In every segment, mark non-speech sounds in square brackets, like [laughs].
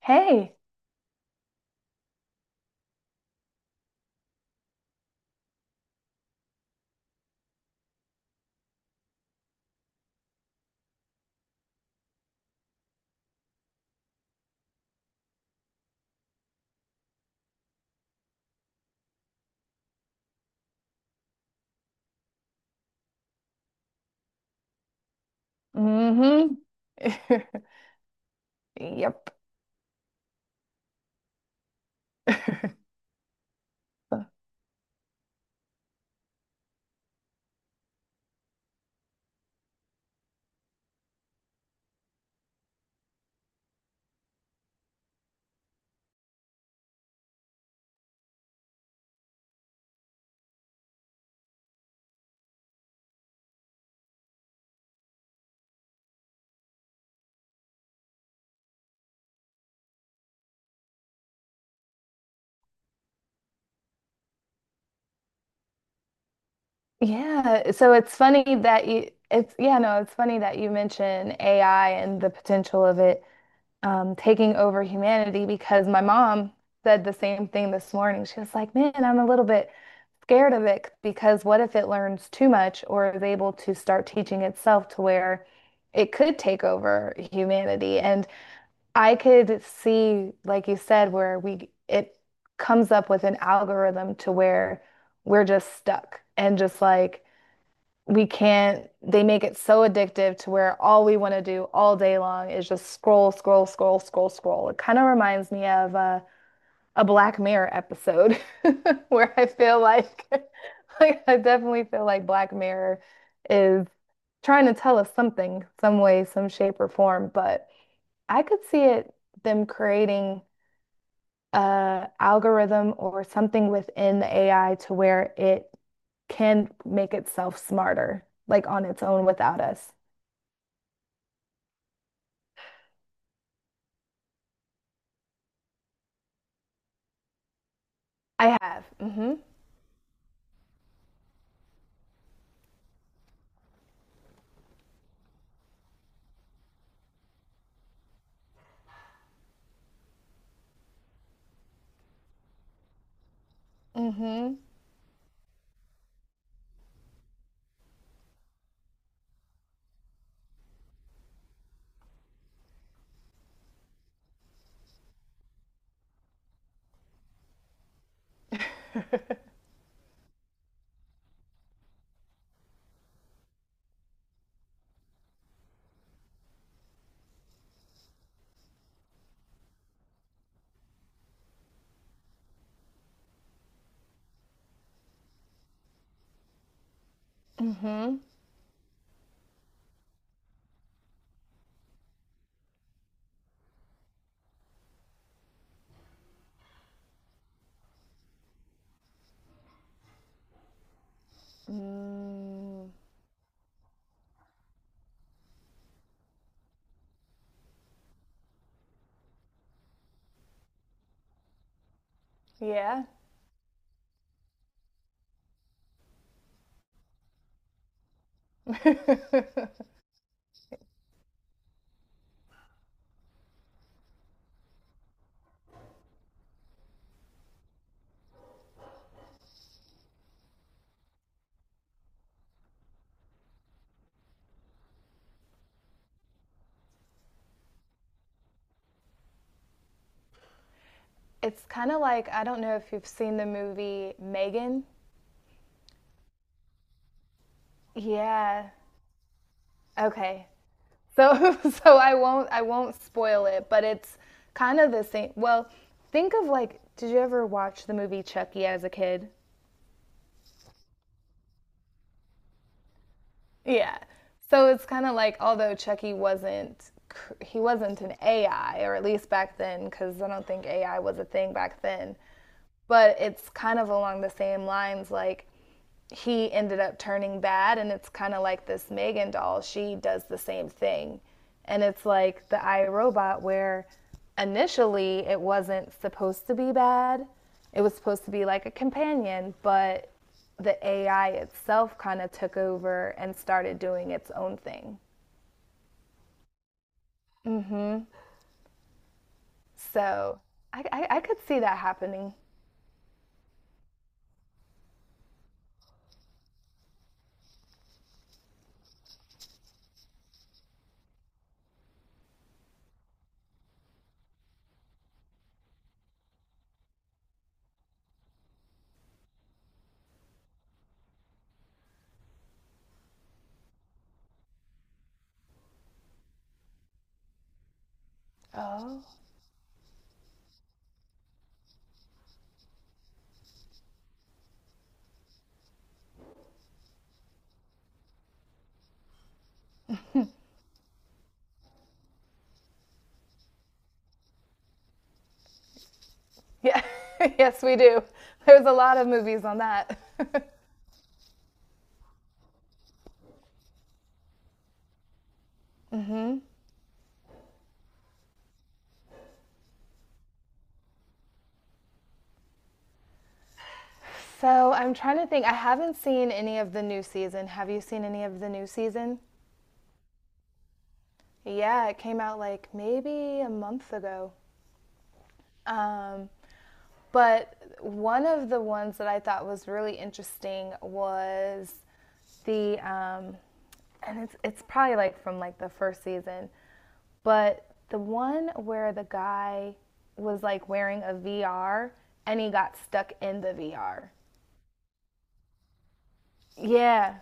Hey. Mm-hmm. [laughs] Yep. [laughs] Yeah, so it's funny that you it's yeah, no, it's funny that you mention AI and the potential of it, taking over humanity because my mom said the same thing this morning. She was like, "Man, I'm a little bit scared of it because what if it learns too much or is able to start teaching itself to where it could take over humanity?" And I could see, like you said, where we it comes up with an algorithm to where we're just stuck and just like we can't, they make it so addictive to where all we want to do all day long is just scroll, scroll, scroll, scroll, scroll. It kind of reminds me of a Black Mirror episode [laughs] where I feel like, [laughs] like I definitely feel like Black Mirror is trying to tell us something, some way, some shape or form. But. I could see it them creating a algorithm or something within the AI to where it can make itself smarter, like on its own without us. I have. Mm-hmm. Mm-hmm. Mm-hmm. Mm, yeah. [laughs] It's kind of like, I don't know if you've seen the movie Megan. Yeah. Okay. So [laughs] so I won't spoil it, but it's kind of the same. Well, think of like, did you ever watch the movie Chucky as a kid? Yeah. So it's kind of like, although Chucky wasn't cr- he wasn't an AI, or at least back then, cuz I don't think AI was a thing back then. But it's kind of along the same lines, like he ended up turning bad, and it's kind of like this Megan doll, she does the same thing, and it's like the iRobot, where initially it wasn't supposed to be bad, it was supposed to be like a companion, but the AI itself kind of took over and started doing its own thing. So I could see that happening. Oh, yeah. [laughs] Yes, we do. There's a lot of movies on that. [laughs] So I'm trying to think. I haven't seen any of the new season. Have you seen any of the new season? Yeah, it came out like maybe a month ago. Um, but one of the ones that I thought was really interesting was the, and it's probably like from like the first season, but the one where the guy was like wearing a VR and he got stuck in the VR. Yeah,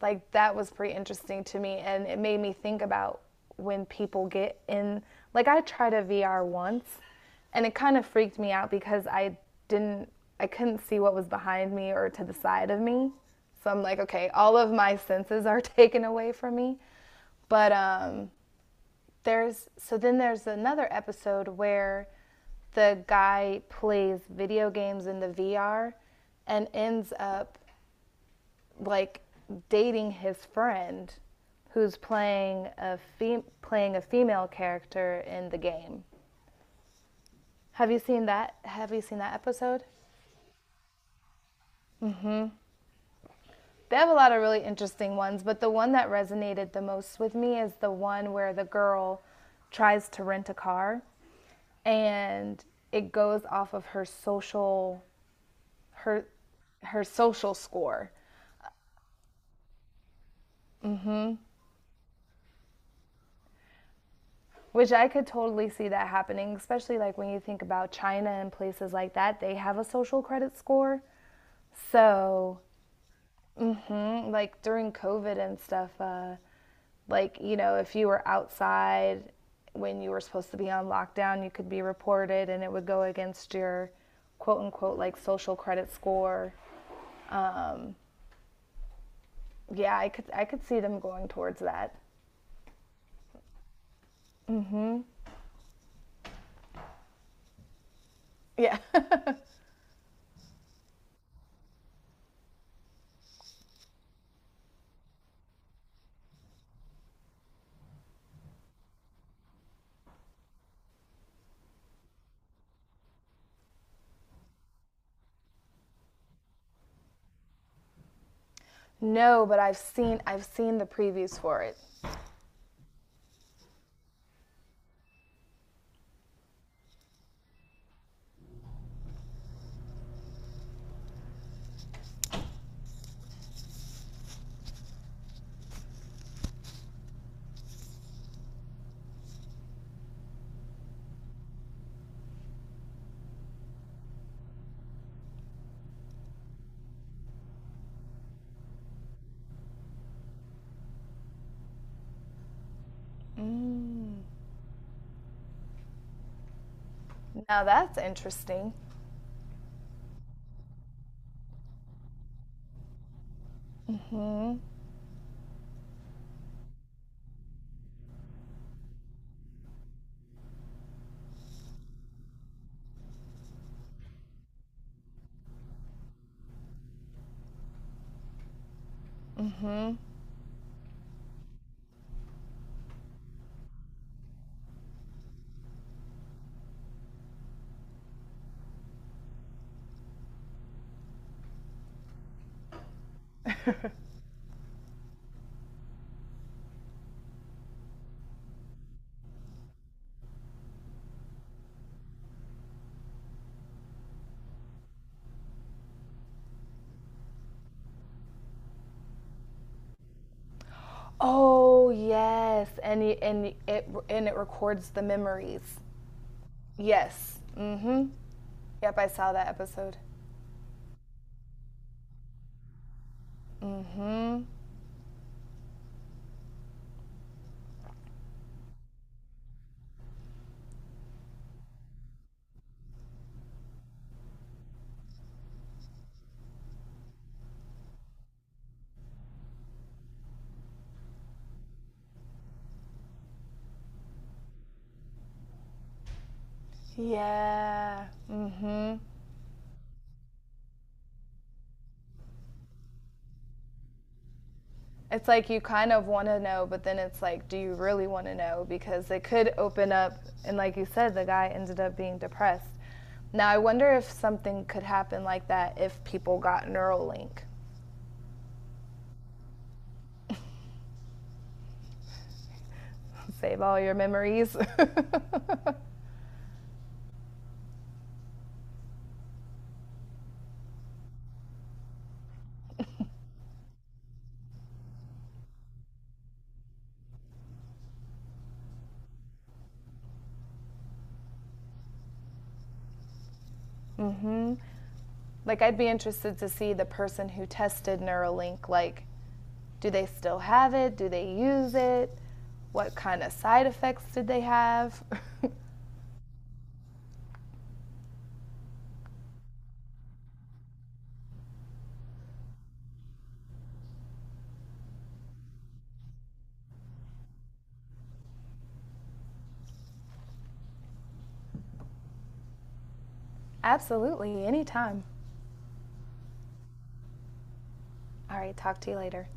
like that was pretty interesting to me, and it made me think about when people get in. Like I tried a VR once, and it kind of freaked me out because didn't, I couldn't see what was behind me or to the side of me. So I'm like, okay, all of my senses are [laughs] taken away from me. But there's so then there's another episode where the guy plays video games in the VR and ends up like dating his friend who's playing a playing a female character in the game. Have you seen that? Have you seen that episode? They have a lot of really interesting ones, but the one that resonated the most with me is the one where the girl tries to rent a car and it goes off of her her social score, which I could totally see that happening, especially like when you think about China and places like that, they have a social credit score. So, like during COVID and stuff, like, you know, if you were outside when you were supposed to be on lockdown, you could be reported and it would go against your quote unquote like social credit score. Yeah, I could see them going towards that. Yeah. [laughs] No, but I've seen the previews for it. Mm. Now that's interesting. Mhm. Mhm. Oh yes, and it and it records the memories. Yes. Mm-hmm. Yep, I saw that episode. Mm-hmm. Yeah. Mm-hmm. It's like you kind of want to know, but then it's like, do you really want to know? Because it could open up, and like you said, the guy ended up being depressed. Now I wonder if something could happen like that if people got Neuralink. [laughs] Save all your memories. [laughs] Like I'd be interested to see the person who tested Neuralink, like, do they still have it? Do they use it? What kind of side effects did they have? [laughs] Absolutely, anytime. All right, talk to you later.